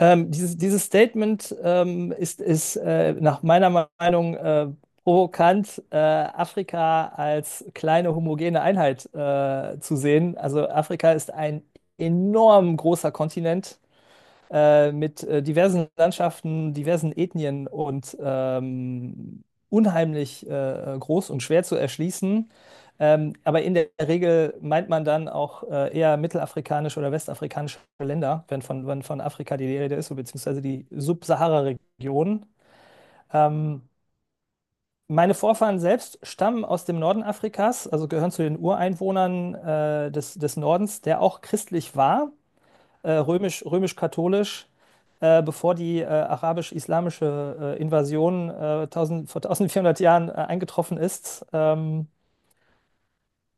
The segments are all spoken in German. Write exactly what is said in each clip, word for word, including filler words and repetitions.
Ähm, dieses, dieses Statement ähm, ist, ist äh, nach meiner Meinung äh, provokant, äh, Afrika als kleine homogene Einheit äh, zu sehen. Also Afrika ist ein enorm großer Kontinent äh, mit äh, diversen Landschaften, diversen Ethnien und ähm, unheimlich äh, groß und schwer zu erschließen. Ähm, aber in der Regel meint man dann auch äh, eher mittelafrikanische oder westafrikanische Länder, wenn von, wenn von Afrika die Rede ist, beziehungsweise die Subsahara-Region. Ähm, Meine Vorfahren selbst stammen aus dem Norden Afrikas, also gehören zu den Ureinwohnern äh, des, des Nordens, der auch christlich war, äh, römisch, römisch-katholisch, äh, bevor die äh, arabisch-islamische äh, Invasion äh, tausend vor eintausendvierhundert Jahren äh, eingetroffen ist. Ähm,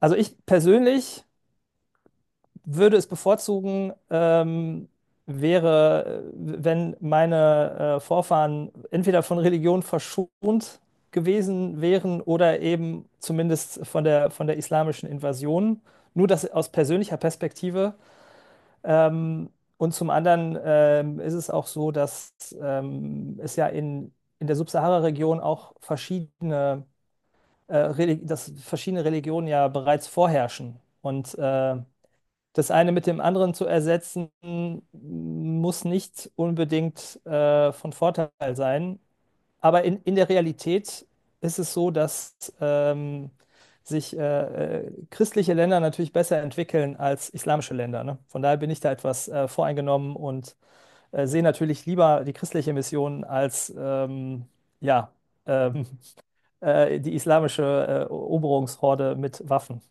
Also ich persönlich würde es bevorzugen, ähm, wäre, äh, wenn meine äh, Vorfahren entweder von Religion verschont gewesen wären oder eben zumindest von der, von der islamischen Invasion. Nur das aus persönlicher Perspektive. Ähm, und zum anderen ähm, ist es auch so, dass ähm, es ja in, in der Subsahara-Region auch verschiedene, äh, Reli- dass verschiedene Religionen ja bereits vorherrschen. Und äh, das eine mit dem anderen zu ersetzen, muss nicht unbedingt äh, von Vorteil sein. Aber in, in der Realität ist es so, dass ähm, sich äh, äh, christliche Länder natürlich besser entwickeln als islamische Länder. Ne? Von daher bin ich da etwas äh, voreingenommen und äh, sehe natürlich lieber die christliche Mission als ähm, ja, ähm, äh, die islamische äh, Eroberungshorde mit Waffen.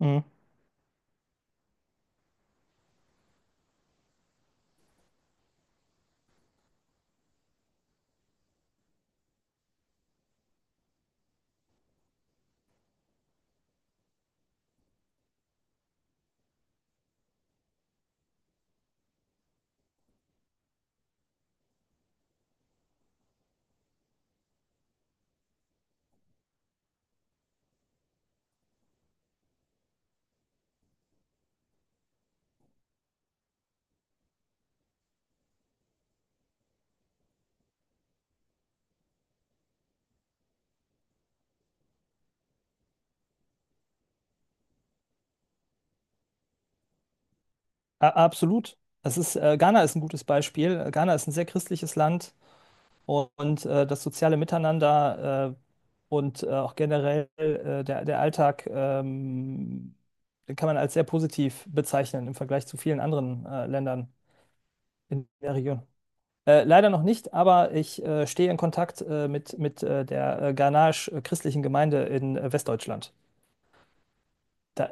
Mhm. A- Absolut. Es ist, äh, Ghana ist ein gutes Beispiel. Ghana ist ein sehr christliches Land. Und äh, das soziale Miteinander äh, und äh, auch generell äh, der, der Alltag, ähm, den kann man als sehr positiv bezeichnen im Vergleich zu vielen anderen äh, Ländern in der Region. Äh, leider noch nicht, aber ich äh, stehe in Kontakt äh, mit, mit äh, der äh, Ghanaisch-christlichen Gemeinde in äh, Westdeutschland. Da,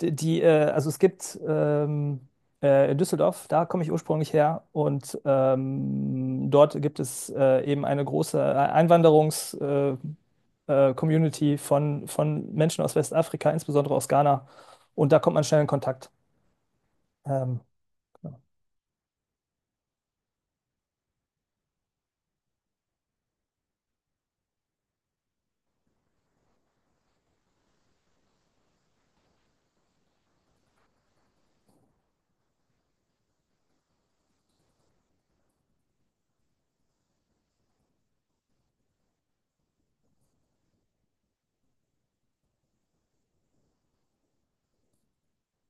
die, die, äh, also es gibt ähm, äh, in Düsseldorf, da komme ich ursprünglich her, und ähm, dort gibt es äh, eben eine große Einwanderungswelle, äh, Community von, von Menschen aus Westafrika, insbesondere aus Ghana. Und da kommt man schnell in Kontakt. Ähm, genau.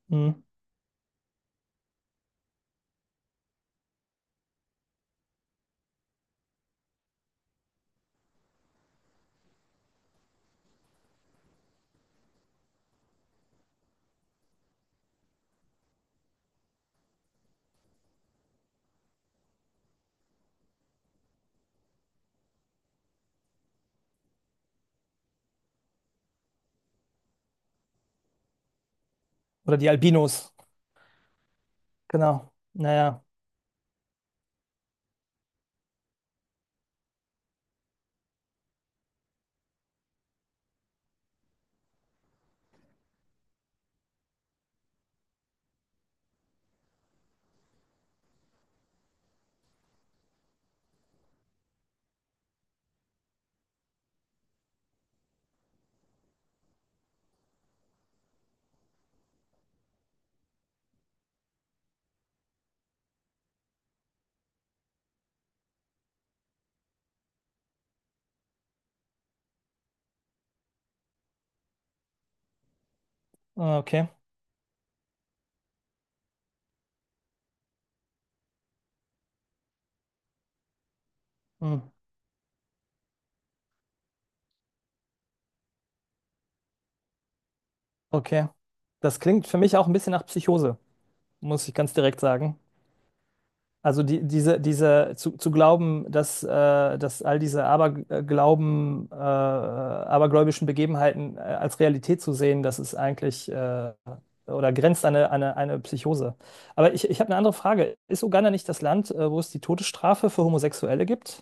Mhm. Oder die Albinos, genau. Naja. Ah, okay. Mhm. Okay. Das klingt für mich auch ein bisschen nach Psychose, muss ich ganz direkt sagen. Also die, diese, diese zu, zu glauben, dass, äh, dass all diese Aberglauben, äh, abergläubischen Begebenheiten äh, als Realität zu sehen, das ist eigentlich äh, oder grenzt an eine, eine, eine Psychose. Aber ich, ich habe eine andere Frage. Ist Uganda nicht das Land, äh, wo es die Todesstrafe für Homosexuelle gibt?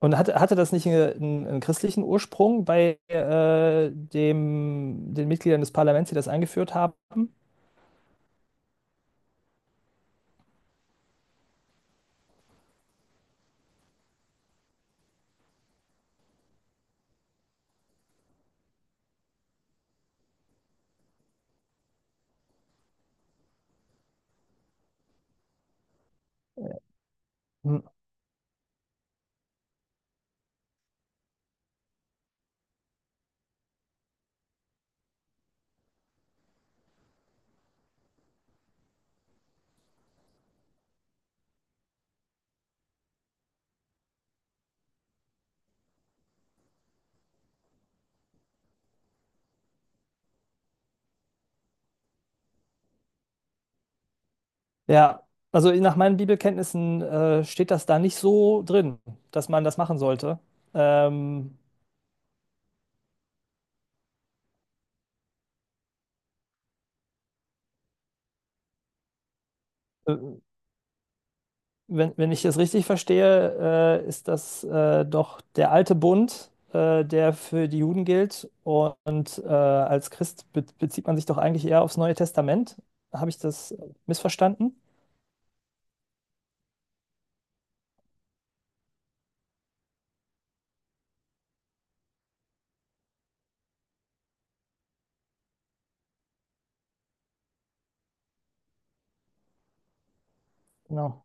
Und hatte, hatte das nicht einen, einen, einen christlichen Ursprung bei äh, dem, den Mitgliedern des Parlaments, die das eingeführt haben? Ja, also nach meinen Bibelkenntnissen äh, steht das da nicht so drin, dass man das machen sollte. Ähm, äh, wenn, wenn ich das richtig verstehe, äh, ist das äh, doch der alte Bund, äh, der für die Juden gilt. Und äh, als Christ be bezieht man sich doch eigentlich eher aufs Neue Testament. Habe ich das missverstanden? Genau.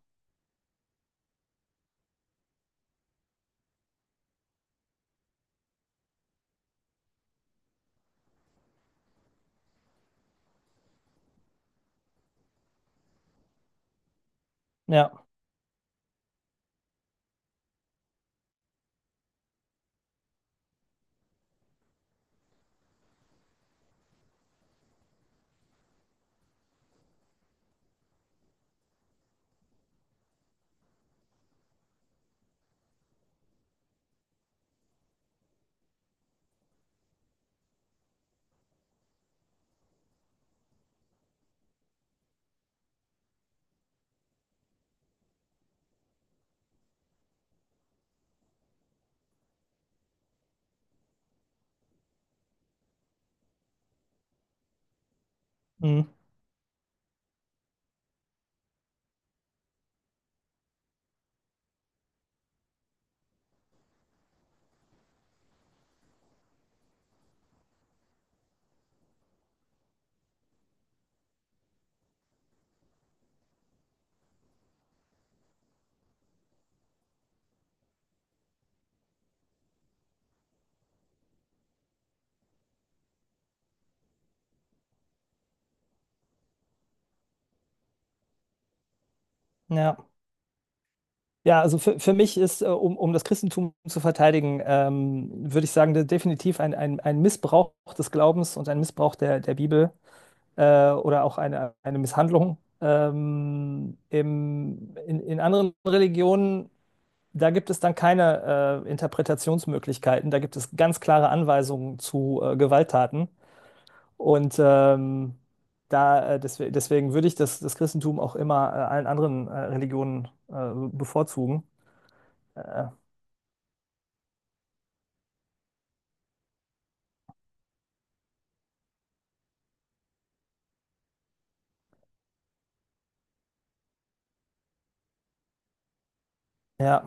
Ja. Mhm. Ja. Ja, also für, für mich ist, äh, um, um das Christentum zu verteidigen, ähm, würde ich sagen, de- definitiv ein, ein, ein Missbrauch des Glaubens und ein Missbrauch der, der Bibel, äh, oder auch eine, eine Misshandlung. Ähm, im, in, in anderen Religionen, da gibt es dann keine äh, Interpretationsmöglichkeiten, da gibt es ganz klare Anweisungen zu äh, Gewalttaten. Und ähm, da, äh, deswe- deswegen würde ich das, das Christentum auch immer äh, allen anderen äh, Religionen äh, bevorzugen. Äh, Ja,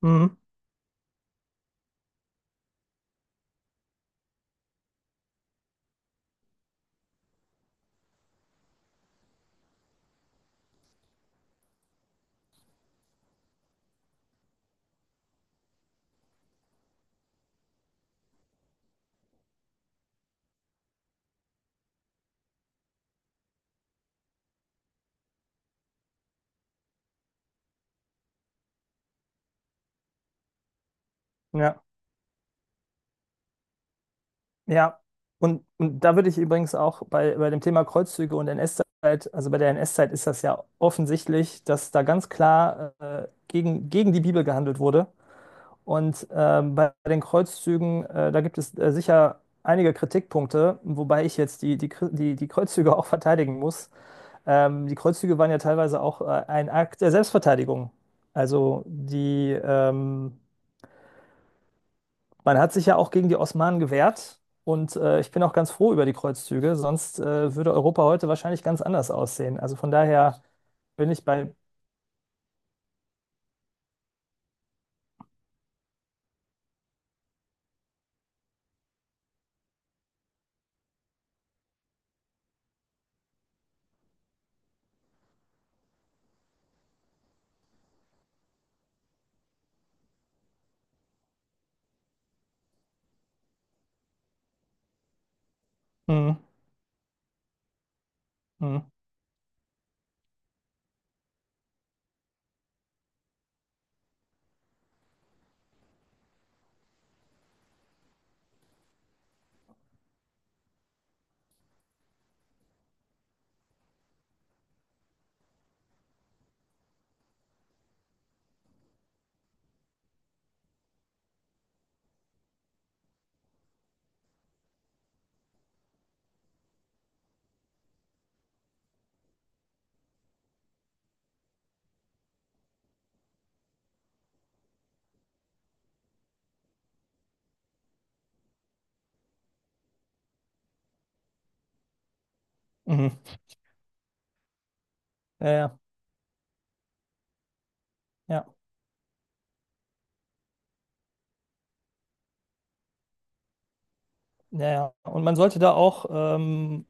mhm. Ja, ja. Und, und da würde ich übrigens auch bei, bei dem Thema Kreuzzüge und N S-Zeit, also bei der N S-Zeit ist das ja offensichtlich, dass da ganz klar äh, gegen, gegen die Bibel gehandelt wurde. Und ähm, bei den Kreuzzügen, äh, da gibt es äh, sicher einige Kritikpunkte, wobei ich jetzt die, die, Kri- die, die Kreuzzüge auch verteidigen muss. Ähm, die Kreuzzüge waren ja teilweise auch äh, ein Akt der Selbstverteidigung. Also die ähm, Man hat sich ja auch gegen die Osmanen gewehrt und äh, ich bin auch ganz froh über die Kreuzzüge, sonst äh, würde Europa heute wahrscheinlich ganz anders aussehen. Also von daher bin ich bei. Mhm, mhm, mhm. Ja, ja, ja, ja. Ja. Und man sollte da auch ähm,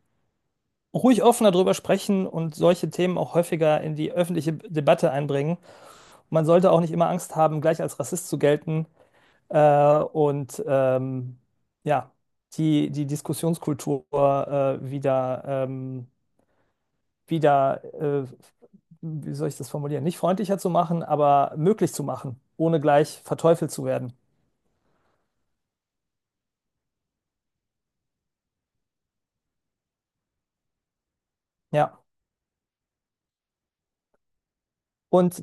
ruhig offener drüber sprechen und solche Themen auch häufiger in die öffentliche Debatte einbringen. Und man sollte auch nicht immer Angst haben, gleich als Rassist zu gelten. Äh, und ähm, ja, die, die Diskussionskultur äh, wieder. Ähm, wieder, äh, wie soll ich das formulieren, nicht freundlicher zu machen, aber möglich zu machen, ohne gleich verteufelt zu werden. Ja. Und